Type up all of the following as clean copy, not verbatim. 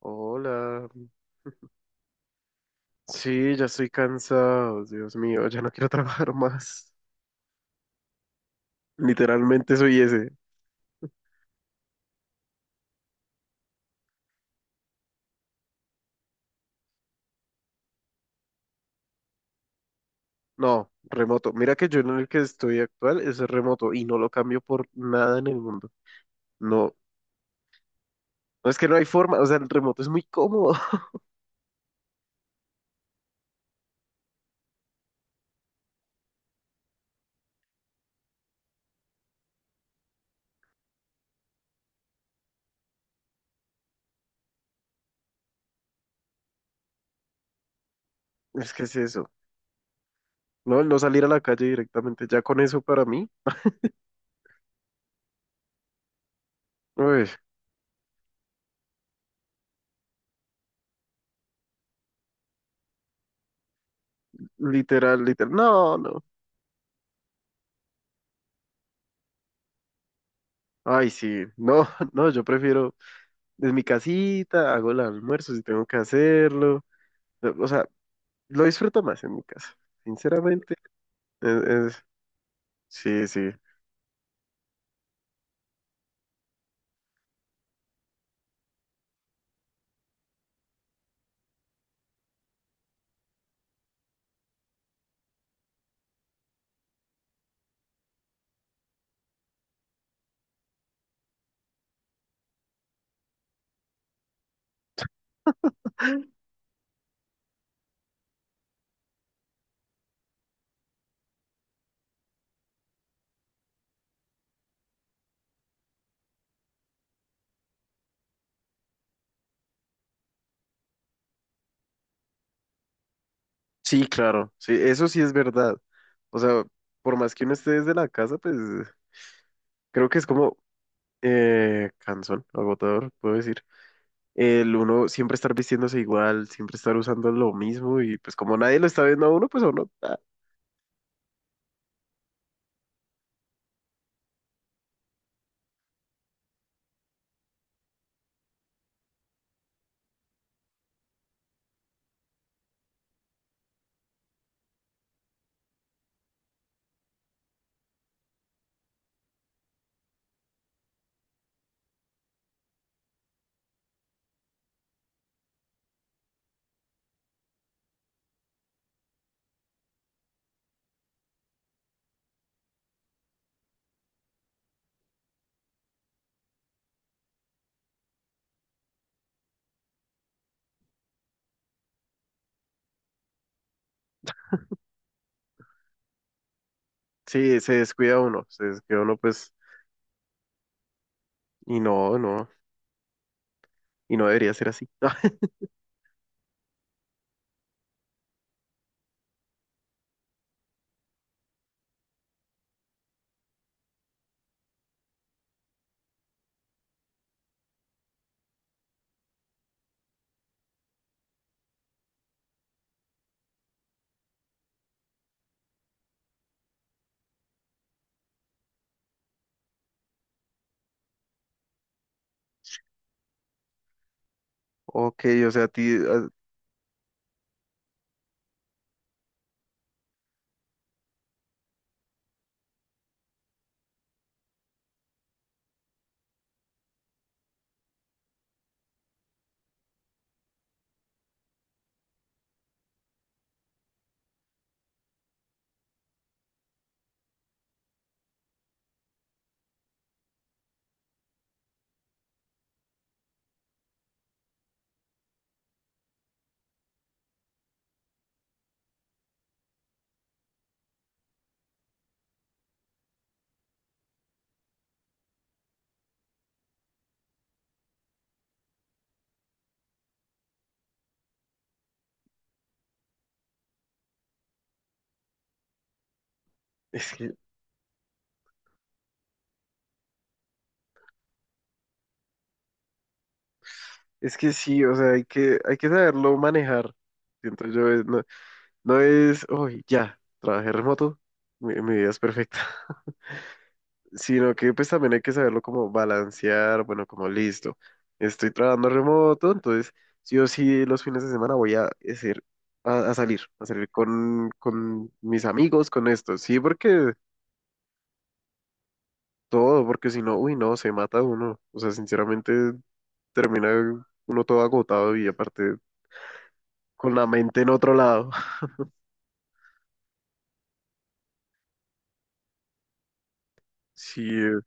Hola. Sí, ya estoy cansado, Dios mío, ya no quiero trabajar más. Literalmente soy ese. No, remoto. Mira que yo en el que estoy actual es remoto y no lo cambio por nada en el mundo. No, no es que no hay forma, o sea, el remoto es muy cómodo. Es que es eso, ¿no? El no salir a la calle directamente, ya con eso para mí, uy, literal, literal, no, no. Ay, sí, no, no, yo prefiero desde mi casita, hago el almuerzo si tengo que hacerlo. O sea, lo disfruto más en mi casa, sinceramente. Es- es- sí, sí. Sí, claro. Sí, eso sí es verdad. O sea, por más que uno esté desde la casa, pues creo que es como cansón, agotador, puedo decir. El uno siempre estar vistiéndose igual, siempre estar usando lo mismo y pues como nadie lo está viendo a uno, pues a uno, ah, sí, se descuida uno pues y no, no, y no debería ser así. Ok, o sea, a ti, ah, es que es que sí, o sea, hay que saberlo manejar. Siento yo, no, no es, uy, ya, trabajé remoto, mi vida es perfecta. Sino que pues también hay que saberlo como balancear, bueno, como listo. Estoy trabajando remoto, entonces sí o sí los fines de semana voy a hacer, a salir, a salir con mis amigos, con esto. Sí, porque todo, porque si no, uy, no, se mata uno. O sea, sinceramente termina uno todo agotado y aparte con la mente en otro lado. Sí,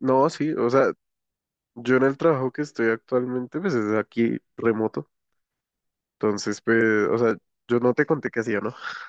no, sí, o sea, yo en el trabajo que estoy actualmente, pues es aquí remoto, entonces, pues, o sea, yo no te conté qué hacía, ¿no?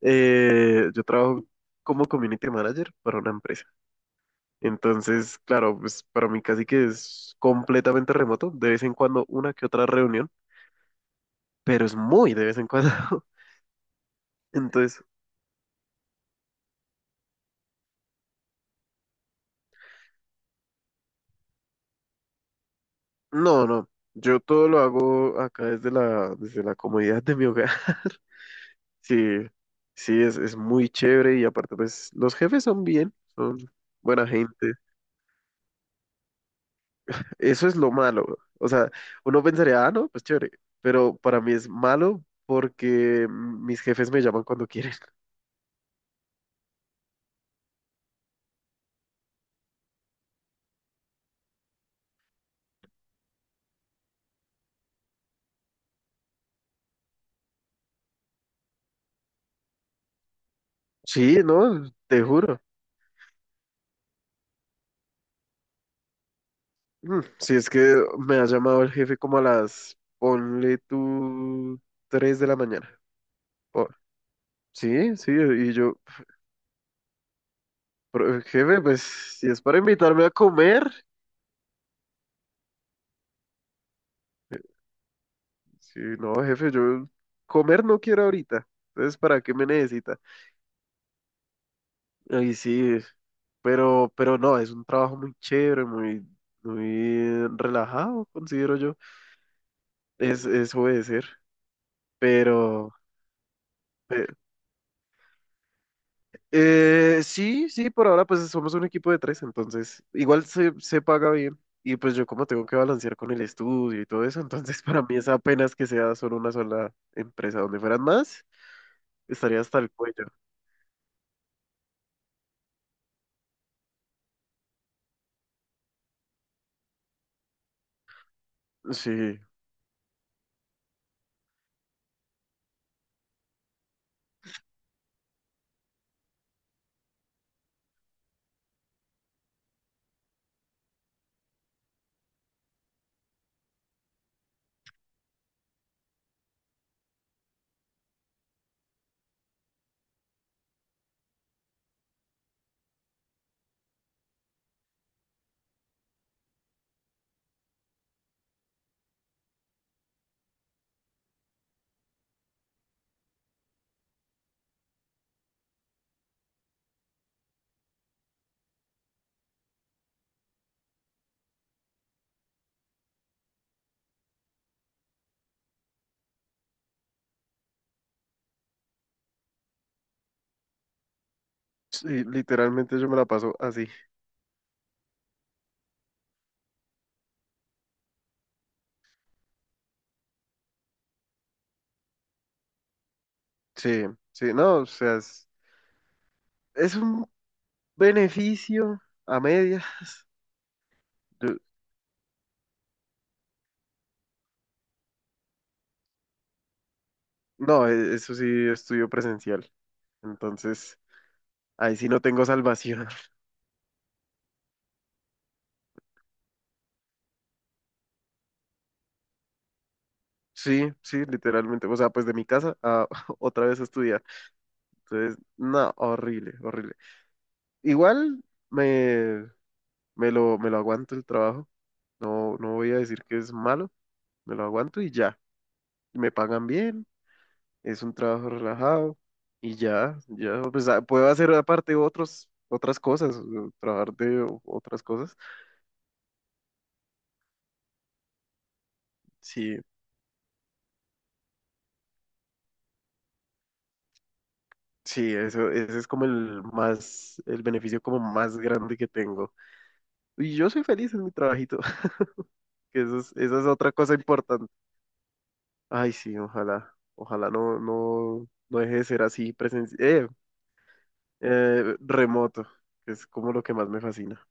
Yo trabajo como community manager para una empresa, entonces, claro, pues para mí casi que es completamente remoto, de vez en cuando una que otra reunión, pero es muy de vez en cuando. Entonces, no, no, yo todo lo hago acá desde la comodidad de mi hogar. Sí, sí, es muy chévere y aparte pues los jefes son bien, son buena gente. Eso es lo malo. O sea, uno pensaría, ah, no, pues chévere, pero para mí es malo porque mis jefes me llaman cuando quieren. Sí, no, te juro. Mm, si es que me ha llamado el jefe como a las, ponle tú, 3 de la mañana. Oh, sí, sí, y yo, "Pero, jefe, pues si es para invitarme a comer. Sí, no, jefe, yo comer no quiero ahorita. Entonces, ¿para qué me necesita? Ay, sí, pero no, es un trabajo muy chévere, muy, muy relajado, considero yo. Es obedecer, pero eh, sí, sí, por ahora pues somos un equipo de tres, entonces igual se, se paga bien. Y pues yo como tengo que balancear con el estudio y todo eso, entonces para mí es apenas que sea solo una sola empresa. Donde fueran más, estaría hasta el cuello. Sí, sí, literalmente yo me la paso así. Sí, sí, no, o sea, es un beneficio a media. Yo- no, eso sí, estudio presencial. Entonces, ahí sí no tengo salvación. Sí, sí, literalmente. O sea, pues de mi casa a otra vez a estudiar. Entonces, no, horrible, horrible. Igual me, me lo aguanto el trabajo. No, no voy a decir que es malo, me lo aguanto y ya. Me pagan bien. Es un trabajo relajado y ya, ya, pues ah, puedo hacer aparte otros, otras cosas, o trabajar de otras cosas. Sí, sí, eso, ese es como el más, el beneficio como más grande que tengo. Y yo soy feliz en mi trabajito, que eso es, esa es otra cosa importante. Ay, sí, ojalá, ojalá no, no, no deje de ser así presencial, remoto, que es como lo que más me fascina.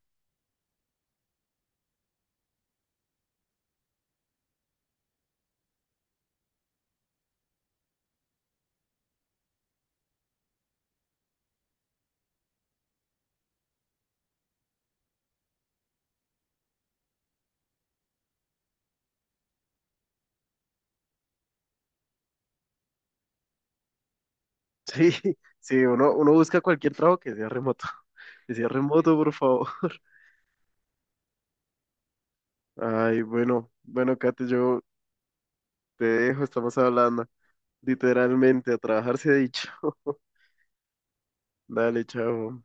Sí, sí, uno, uno busca cualquier trabajo que sea remoto. Que sea remoto, por favor. Ay, bueno, bueno, Kate, yo te dejo, estamos hablando literalmente a trabajar se ha dicho. Dale, chao.